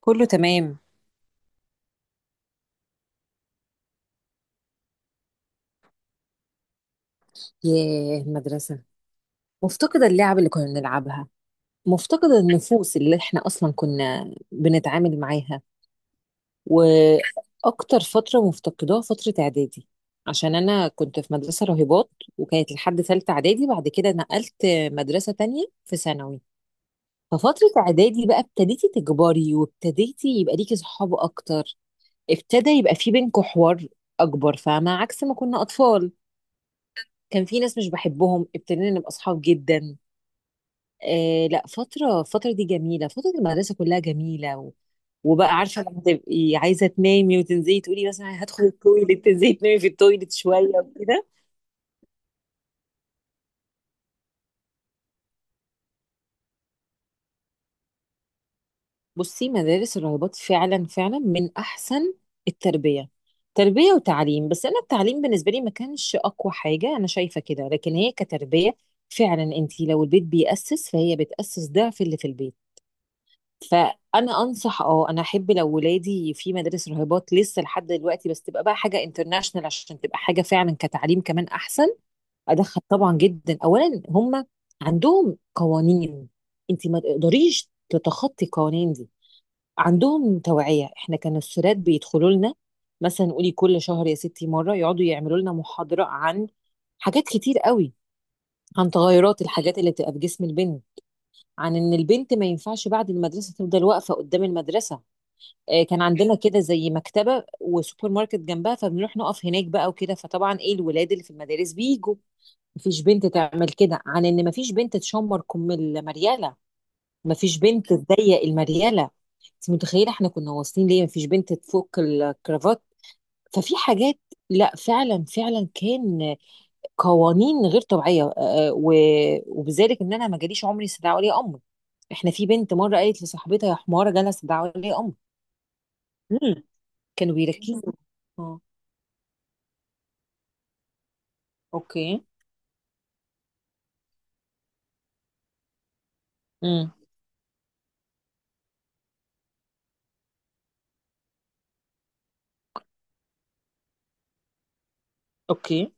كله تمام. ياه المدرسة، مفتقدة اللعب اللي كنا بنلعبها، مفتقدة النفوس اللي احنا أصلا كنا بنتعامل معاها. وأكتر فترة مفتقداها فترة إعدادي، عشان أنا كنت في مدرسة راهبات، وكانت لحد تالتة إعدادي بعد كده نقلت مدرسة تانية في ثانوي. ففترة إعدادي بقى ابتديتي تكبري وابتديتي يبقى ليكي صحاب أكتر، ابتدى يبقى في بينكوا حوار أكبر، فاهمة؟ عكس ما كنا أطفال، كان في ناس مش بحبهم ابتدينا نبقى أصحاب جدا. لا فترة، الفترة دي جميلة، فترة المدرسة كلها جميلة وبقى عارفة لما تبقي عايزة تنامي وتنزلي تقولي مثلا هدخل التويليت، تنزلي تنامي في التويليت شوية وكده. بصي، مدارس الراهبات فعلا فعلا من أحسن التربية، تربية وتعليم، بس أنا التعليم بالنسبة لي ما كانش أقوى حاجة، أنا شايفة كده، لكن هي كتربية فعلا. أنت لو البيت بيأسس فهي بتأسس ضعف اللي في البيت. فانا انصح، اه انا احب لو ولادي في مدارس راهبات لسه لحد دلوقتي، بس تبقى بقى حاجه انترناشونال عشان تبقى حاجه فعلا كتعليم كمان احسن. ادخل طبعا جدا. اولا، هم عندهم قوانين، انت ما تقدريش تتخطي القوانين دي. عندهم توعيه، احنا كان السادات بيدخلوا لنا، مثلا قولي كل شهر يا ستي مره، يقعدوا يعملوا لنا محاضره عن حاجات كتير قوي، عن تغيرات الحاجات اللي بتبقى في جسم البنت، عن ان البنت ما ينفعش بعد المدرسه تفضل واقفه قدام المدرسه. كان عندنا كده زي مكتبة وسوبر ماركت جنبها، فبنروح نقف هناك بقى وكده، فطبعا ايه، الولاد اللي في المدارس بيجوا، مفيش بنت تعمل كده. عن ان مفيش بنت تشمر كم المريالة، مفيش بنت تضيق المريالة، انت متخيلة احنا كنا واصلين ليه، مفيش بنت تفك الكرافات. ففي حاجات، لا فعلا فعلا كان قوانين غير طبيعية. آه، آه، و- وبذلك ان انا ما جاليش عمري استدعاء ولي امر. احنا في بنت مرة قالت لصاحبتها يا حمارة جالها استدعاء ولي امر، كانوا بيركزوا. اه. اوكي. امم. اوكي.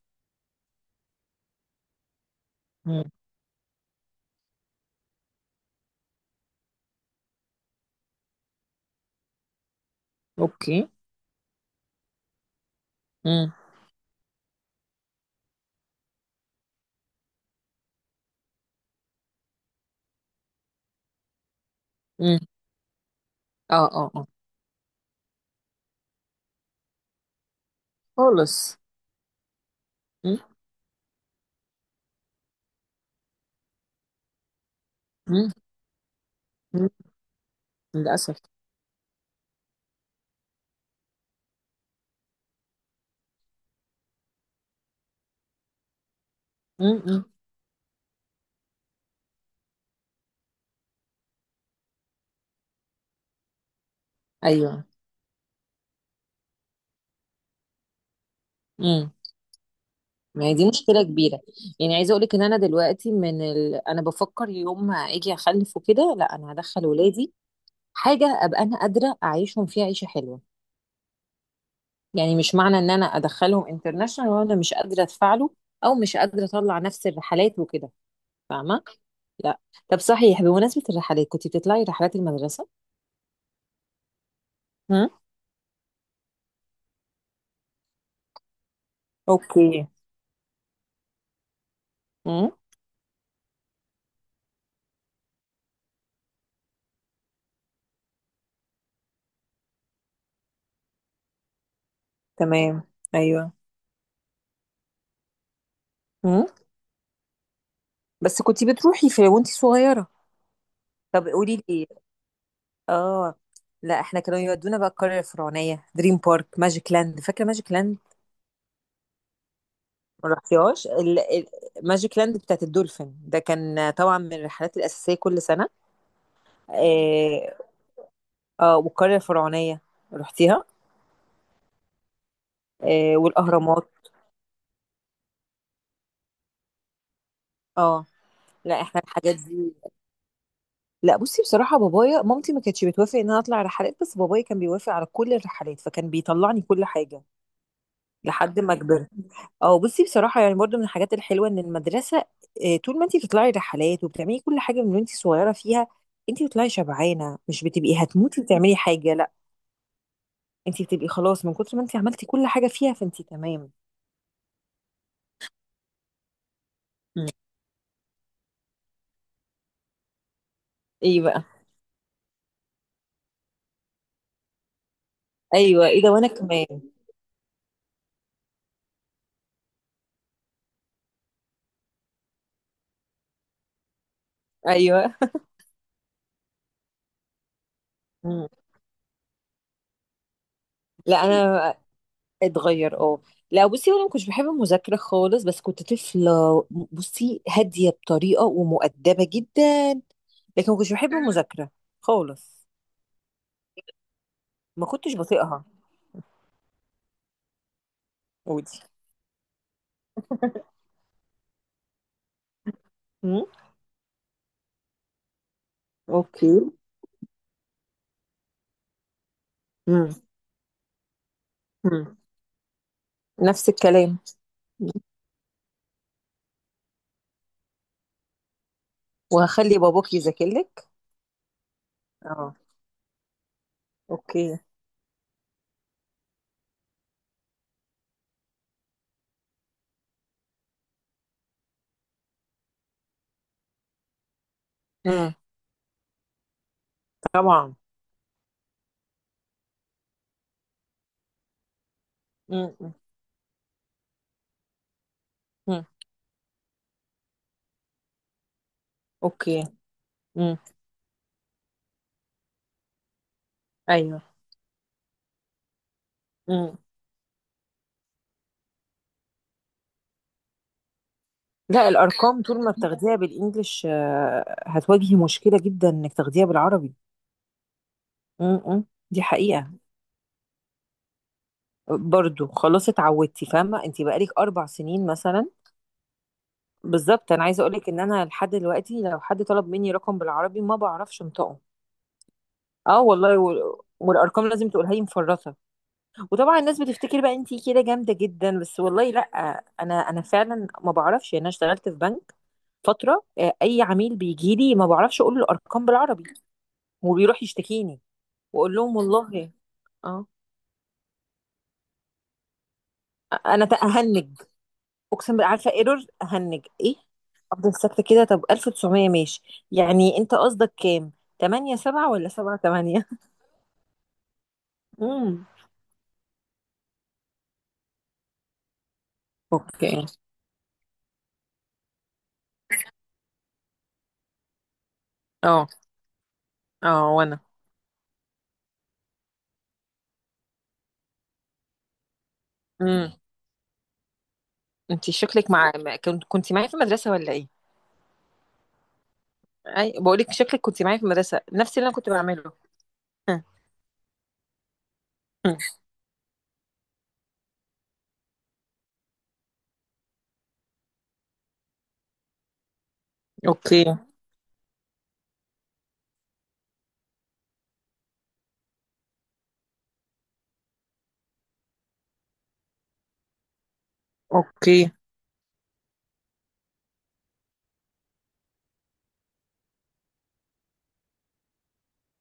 امم. اوكي. امم. امم. اه اه اه. خالص. امم. امم. أمم. للاسف. امم. أمم. ايوه. امم. ما هي دي مشكله كبيره. يعني عايزه اقول لك ان انا دلوقتي انا بفكر يوم ما اجي اخلف وكده، لا انا هدخل ولادي حاجه ابقى انا قادره اعيشهم فيها عيشه حلوه. يعني مش معنى ان انا ادخلهم انترناشونال وانا مش قادره ادفع له، او مش قادره اطلع نفس الرحلات وكده، فاهمه؟ لا. طب صحيح، بمناسبة الرحلات، كنت بتطلعي رحلات المدرسة؟ هم؟ اوكي. هم؟ تمام. ايوه. هم؟ بس كنتي بتروحي في وانتي صغيره. طب قولي لي. اه. لا احنا كانوا يودونا بقى القريه الفرعونيه، دريم بارك، ماجيك لاند، فاكره ماجيك لاند؟ ما رحتيهاش ماجيك لاند بتاعت الدولفين ده كان طبعا من الرحلات الاساسيه كل سنه. اه. آه والقريه الفرعونيه، رحتيها؟ آه والاهرامات. اه. لا احنا الحاجات دي، لا بصي بصراحة بابايا، مامتي ما كانتش بتوافق ان انا اطلع رحلات، بس بابايا كان بيوافق على كل الرحلات فكان بيطلعني كل حاجة لحد ما كبرت. اه بصي بصراحة يعني برضو من الحاجات الحلوة ان المدرسة، طول ما انتي بتطلعي رحلات وبتعملي كل حاجة من وانتي صغيرة فيها، انتي بتطلعي شبعانة، مش بتبقي هتموتي وتعملي حاجة، لا، انتي بتبقي خلاص من كتر ما انتي عملتي كل حاجة فيها، فانتي تمام. مم. ايه بقى؟ ايوه ايه ده وانا كمان. ايوه. مم. لا انا، اتغير، اه. لا بصي انا ما كنتش بحب المذاكره خالص، بس كنت طفله، بصي هاديه بطريقه ومؤدبه جدا، لكن ما كنتش بحب المذاكره خالص، ما كنتش بطيقها. ودي مم. اوكي. مم. مم. نفس الكلام. وهخلي باباك يذاكر لك. اه. اوكي. مم. طبعا. مم. مم. اوكي. مم. ايوه. مم. لا الارقام طول ما بتاخديها بالانجلش هتواجهي مشكله جدا انك تاخديها بالعربي. م- م. دي حقيقة. برضو خلاص اتعودتي، فاهمة؟ انت بقالك اربع سنين مثلا. بالظبط، انا عايزة اقولك ان انا لحد دلوقتي لو حد طلب مني رقم بالعربي ما بعرفش انطقه. اه والله، والارقام لازم تقولها لي مفرطة. وطبعا الناس بتفتكر بقى انت كده جامدة جدا، بس والله لا. انا فعلا ما بعرفش، يعني انا اشتغلت في بنك فترة، اي عميل بيجي لي ما بعرفش اقول له الارقام بالعربي، وبيروح يشتكيني واقول لهم والله. اه. انا تأهنج، اقسم بالله، عارفه ايرور هنج ايه؟ افضل ساكته كده. طب 1900 ماشي، يعني انت قصدك كام، 8 7 ولا 7 8؟ امم. اوكي. اه اه. وانا. امم. انت شكلك، مع ما- كنت معايا في المدرسه ولا ايه؟ اي بقول لك شكلك كنت معايا في المدرسه نفس اللي انا كنت بعمله. هم. هم. اوكي. اوكي.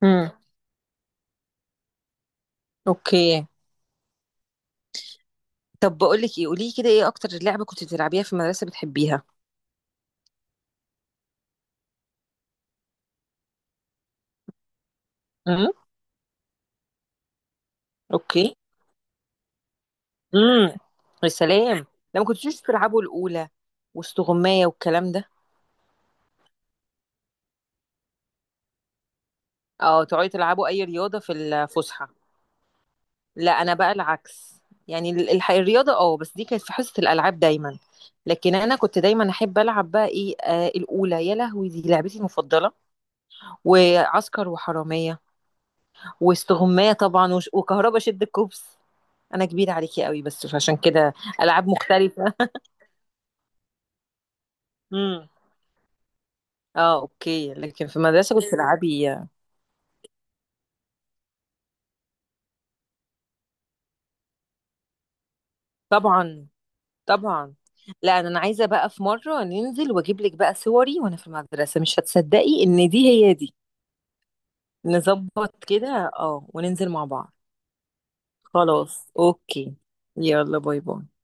امم. اوكي. طب بقول لك ايه، قولي لي كده ايه اكتر لعبه كنت بتلعبيها في المدرسه بتحبيها؟ امم. اوكي. امم. يا سلام. ده ما كنتوش تلعبوا الاولى واستغمايه والكلام ده؟ اه تقعدوا تلعبوا اي رياضه في الفسحه. لا انا بقى العكس، يعني الرياضه اه بس دي كانت في حصه الالعاب دايما، لكن انا كنت دايما احب العب بقى ايه، آه الاولى يا لهوي، دي لعبتي المفضله، وعسكر وحراميه، واستغمايه طبعا، وش- وكهربا، شد الكوبس. انا كبيره عليكي قوي بس عشان كده، العاب مختلفه. امم. اه اوكي لكن في المدرسه كنت تلعبي، طبعا. طبعا. لا انا، أنا عايزه بقى في مره ننزل واجيب لك بقى صوري وانا في المدرسه، مش هتصدقي ان دي هي دي. نظبط كده اه وننزل مع بعض. خلاص اوكي. يلا باي باي.